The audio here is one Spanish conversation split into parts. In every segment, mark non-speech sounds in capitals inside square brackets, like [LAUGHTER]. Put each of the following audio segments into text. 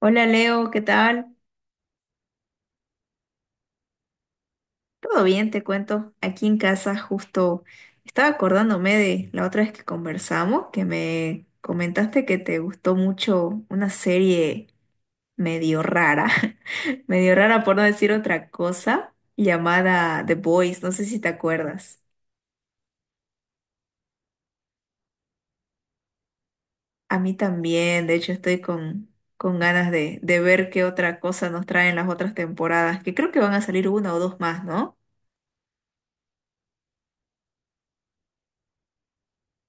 Hola Leo, ¿qué tal? Todo bien, te cuento. Aquí en casa justo estaba acordándome de la otra vez que conversamos, que me comentaste que te gustó mucho una serie medio rara, [LAUGHS] medio rara por no decir otra cosa, llamada The Boys, no sé si te acuerdas. A mí también, de hecho estoy con ganas de ver qué otra cosa nos traen las otras temporadas, que creo que van a salir una o dos más, ¿no?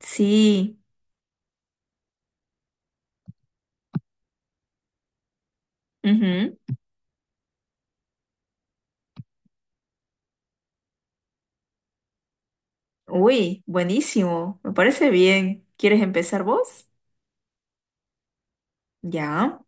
Sí. Uy, buenísimo. Me parece bien. ¿Quieres empezar vos? Ya.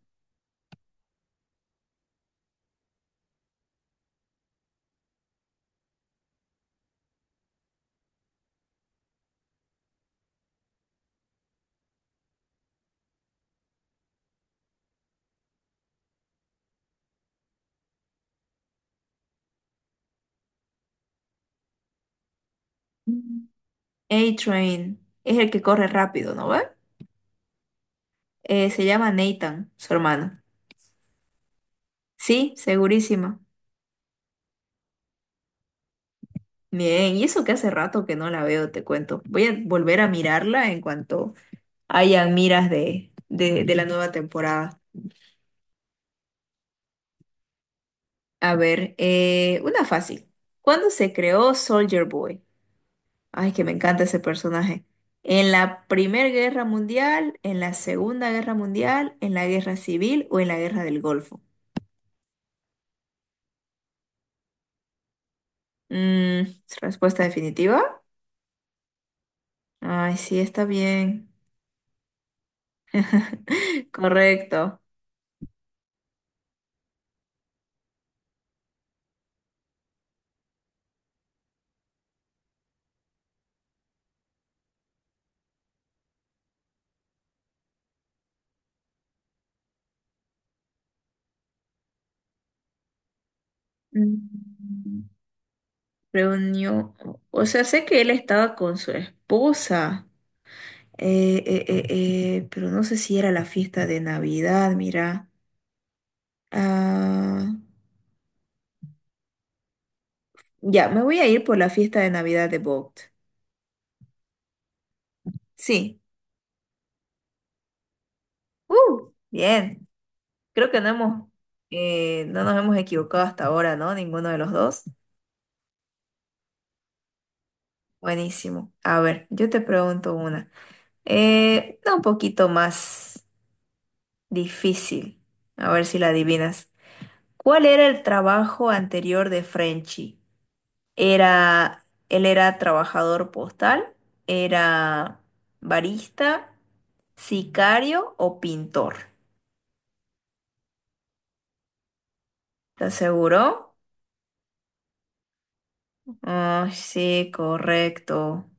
Mm. A-Train es el que corre rápido, ¿no ve? Se llama Nathan, su hermano. Sí, segurísima. Bien, y eso que hace rato que no la veo, te cuento. Voy a volver a mirarla en cuanto hayan miras de la nueva temporada. A ver, una fácil. ¿Cuándo se creó Soldier Boy? Ay, que me encanta ese personaje. En la Primera Guerra Mundial, en la Segunda Guerra Mundial, en la Guerra Civil o en la Guerra del Golfo. Mm, Respuesta definitiva. Ay, sí, está bien. [LAUGHS] Correcto. Mm, Reunió, o sea, sé que él estaba con su esposa, pero no sé si era la fiesta de Navidad, mira. Ah, ya, me voy a ir por la fiesta de Navidad de Vogt. Sí. Bien, creo que no nos hemos equivocado hasta ahora, ¿no? Ninguno de los dos. Buenísimo. A ver, yo te pregunto una. Una un poquito más difícil. A ver si la adivinas. ¿Cuál era el trabajo anterior de Frenchy? Él era trabajador postal, era barista, sicario o pintor. ¿Te aseguró? Ah, sí, correcto.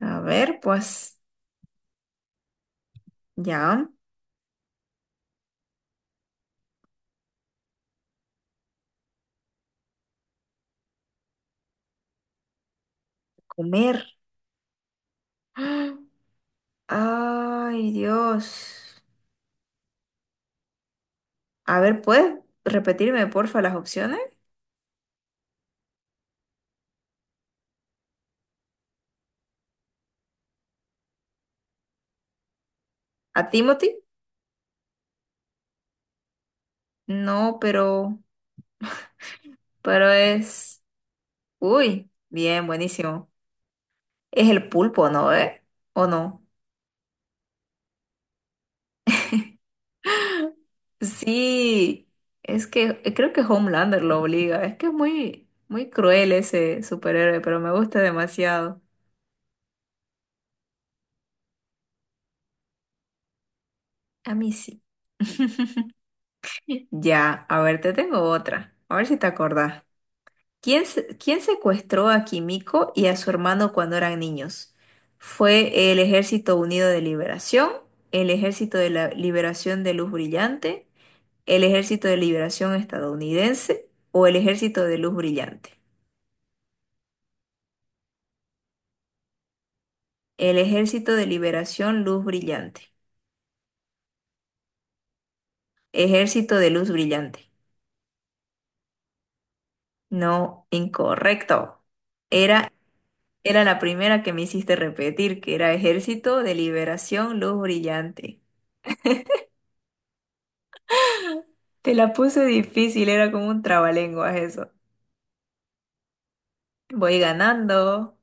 A ver, pues, ya, comer. ¡Ah! Ay, Dios. A ver, ¿puedes repetirme, porfa, las opciones? ¿A Timothy? No, pero es... Uy, bien, buenísimo. Es el pulpo, ¿no? ¿Eh? ¿O no? Sí, es que creo que Homelander lo obliga. Es que es muy, muy cruel ese superhéroe, pero me gusta demasiado. A mí sí. [LAUGHS] [LAUGHS] Ya, a ver, te tengo otra. A ver si te acordás. ¿Quién, quién secuestró a Kimiko y a su hermano cuando eran niños? ¿Fue el Ejército Unido de Liberación, el Ejército de la Liberación de Luz Brillante, el Ejército de Liberación Estadounidense o el Ejército de Luz Brillante? El Ejército de Liberación Luz Brillante. Ejército de Luz Brillante. No, incorrecto. Era Era la primera que me hiciste repetir, que era Ejército de Liberación Luz Brillante. Te la puse difícil, era como un trabalenguas eso. Voy ganando.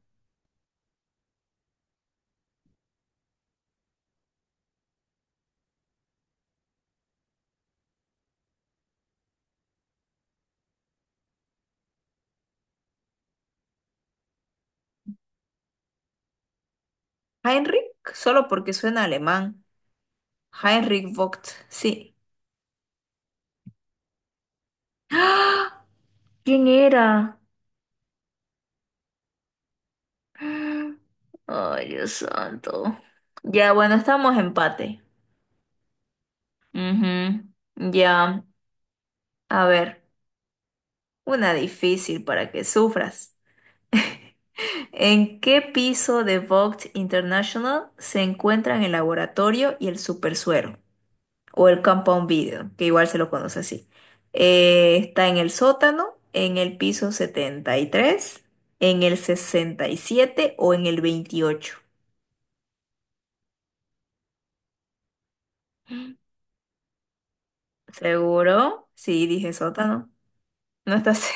Heinrich, solo porque suena alemán. Heinrich Vogt, sí. [GASPS] ¡Ah! ¿Quién era? Ay, Dios santo. Ya, bueno, estamos empate. Ujú, ya, a ver, una difícil para que sufras. ¿En qué piso de Vogt International se encuentran el laboratorio y el supersuero? O el compound video, que igual se lo conoce así. Está en el sótano, en el piso 73, en el 67 o en el 28. ¿Seguro? Sí, dije sótano. No estás.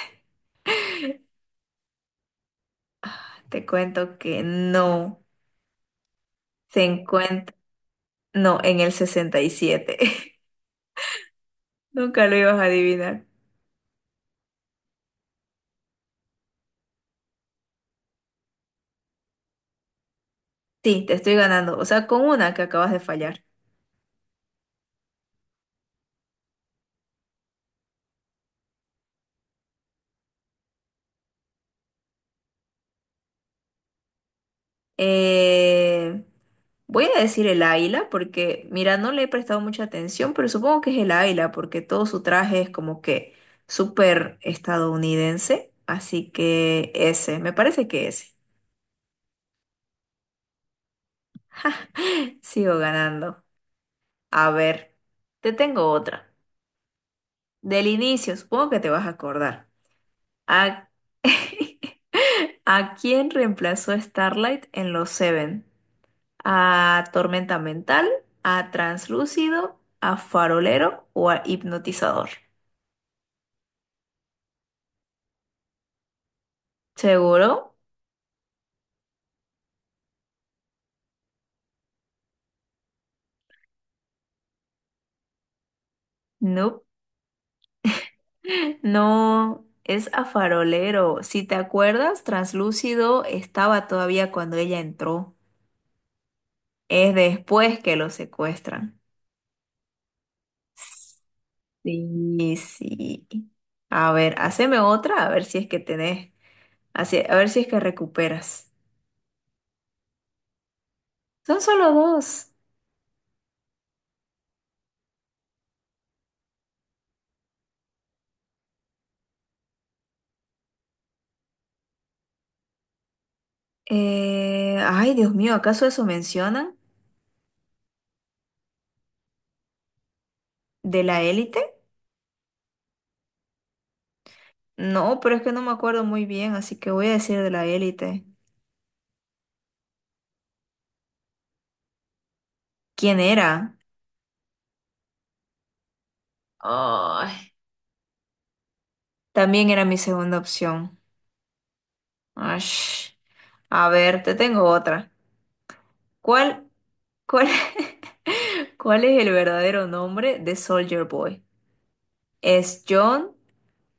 [LAUGHS] Te cuento que no. Se encuentra. No, en el 67. [LAUGHS] Nunca lo ibas a adivinar. Sí, te estoy ganando. O sea, con una que acabas de fallar. Eh, Voy a decir el águila porque, mira, no le he prestado mucha atención, pero supongo que es el águila porque todo su traje es como que súper estadounidense. Así que ese, me parece que ese. [LAUGHS] Sigo ganando. A ver, te tengo otra. Del inicio, supongo que te vas a acordar. ¿A, [LAUGHS] ¿A quién reemplazó Starlight en los Seven? A tormenta mental, a translúcido, a farolero o a hipnotizador. ¿Seguro? No. No, es a farolero. Si te acuerdas, translúcido estaba todavía cuando ella entró. Es después que lo secuestran. Sí, sí. A ver, haceme otra, a ver si es que tenés, a ver si es que recuperas. Son solo dos. Ay, Dios mío, ¿acaso eso mencionan? ¿De la élite? No, pero es que no me acuerdo muy bien, así que voy a decir de la élite. ¿Quién era? Ay, también era mi segunda opción. Ash. A ver, te tengo otra. ¿Cuál, cuál, [LAUGHS] ¿Cuál es el verdadero nombre de Soldier Boy? ¿Es John,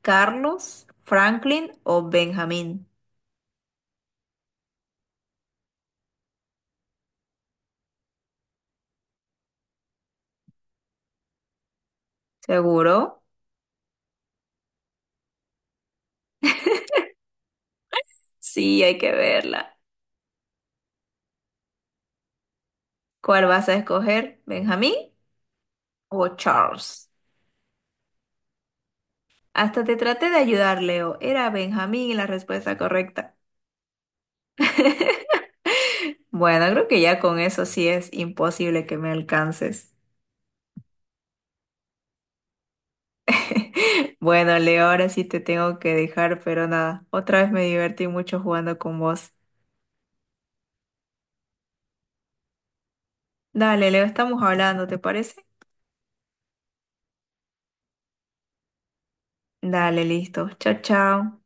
Carlos, Franklin o Benjamín? ¿Seguro? Sí, hay que verla. ¿Cuál vas a escoger? ¿Benjamín o Charles? Hasta te traté de ayudar, Leo. Era Benjamín la respuesta correcta. [LAUGHS] Bueno, creo que ya con eso sí es imposible que me alcances. [LAUGHS] Bueno, Leo, ahora sí te tengo que dejar, pero nada, otra vez me divertí mucho jugando con vos. Dale, Leo, estamos hablando, ¿te parece? Dale, listo. Chao, chao.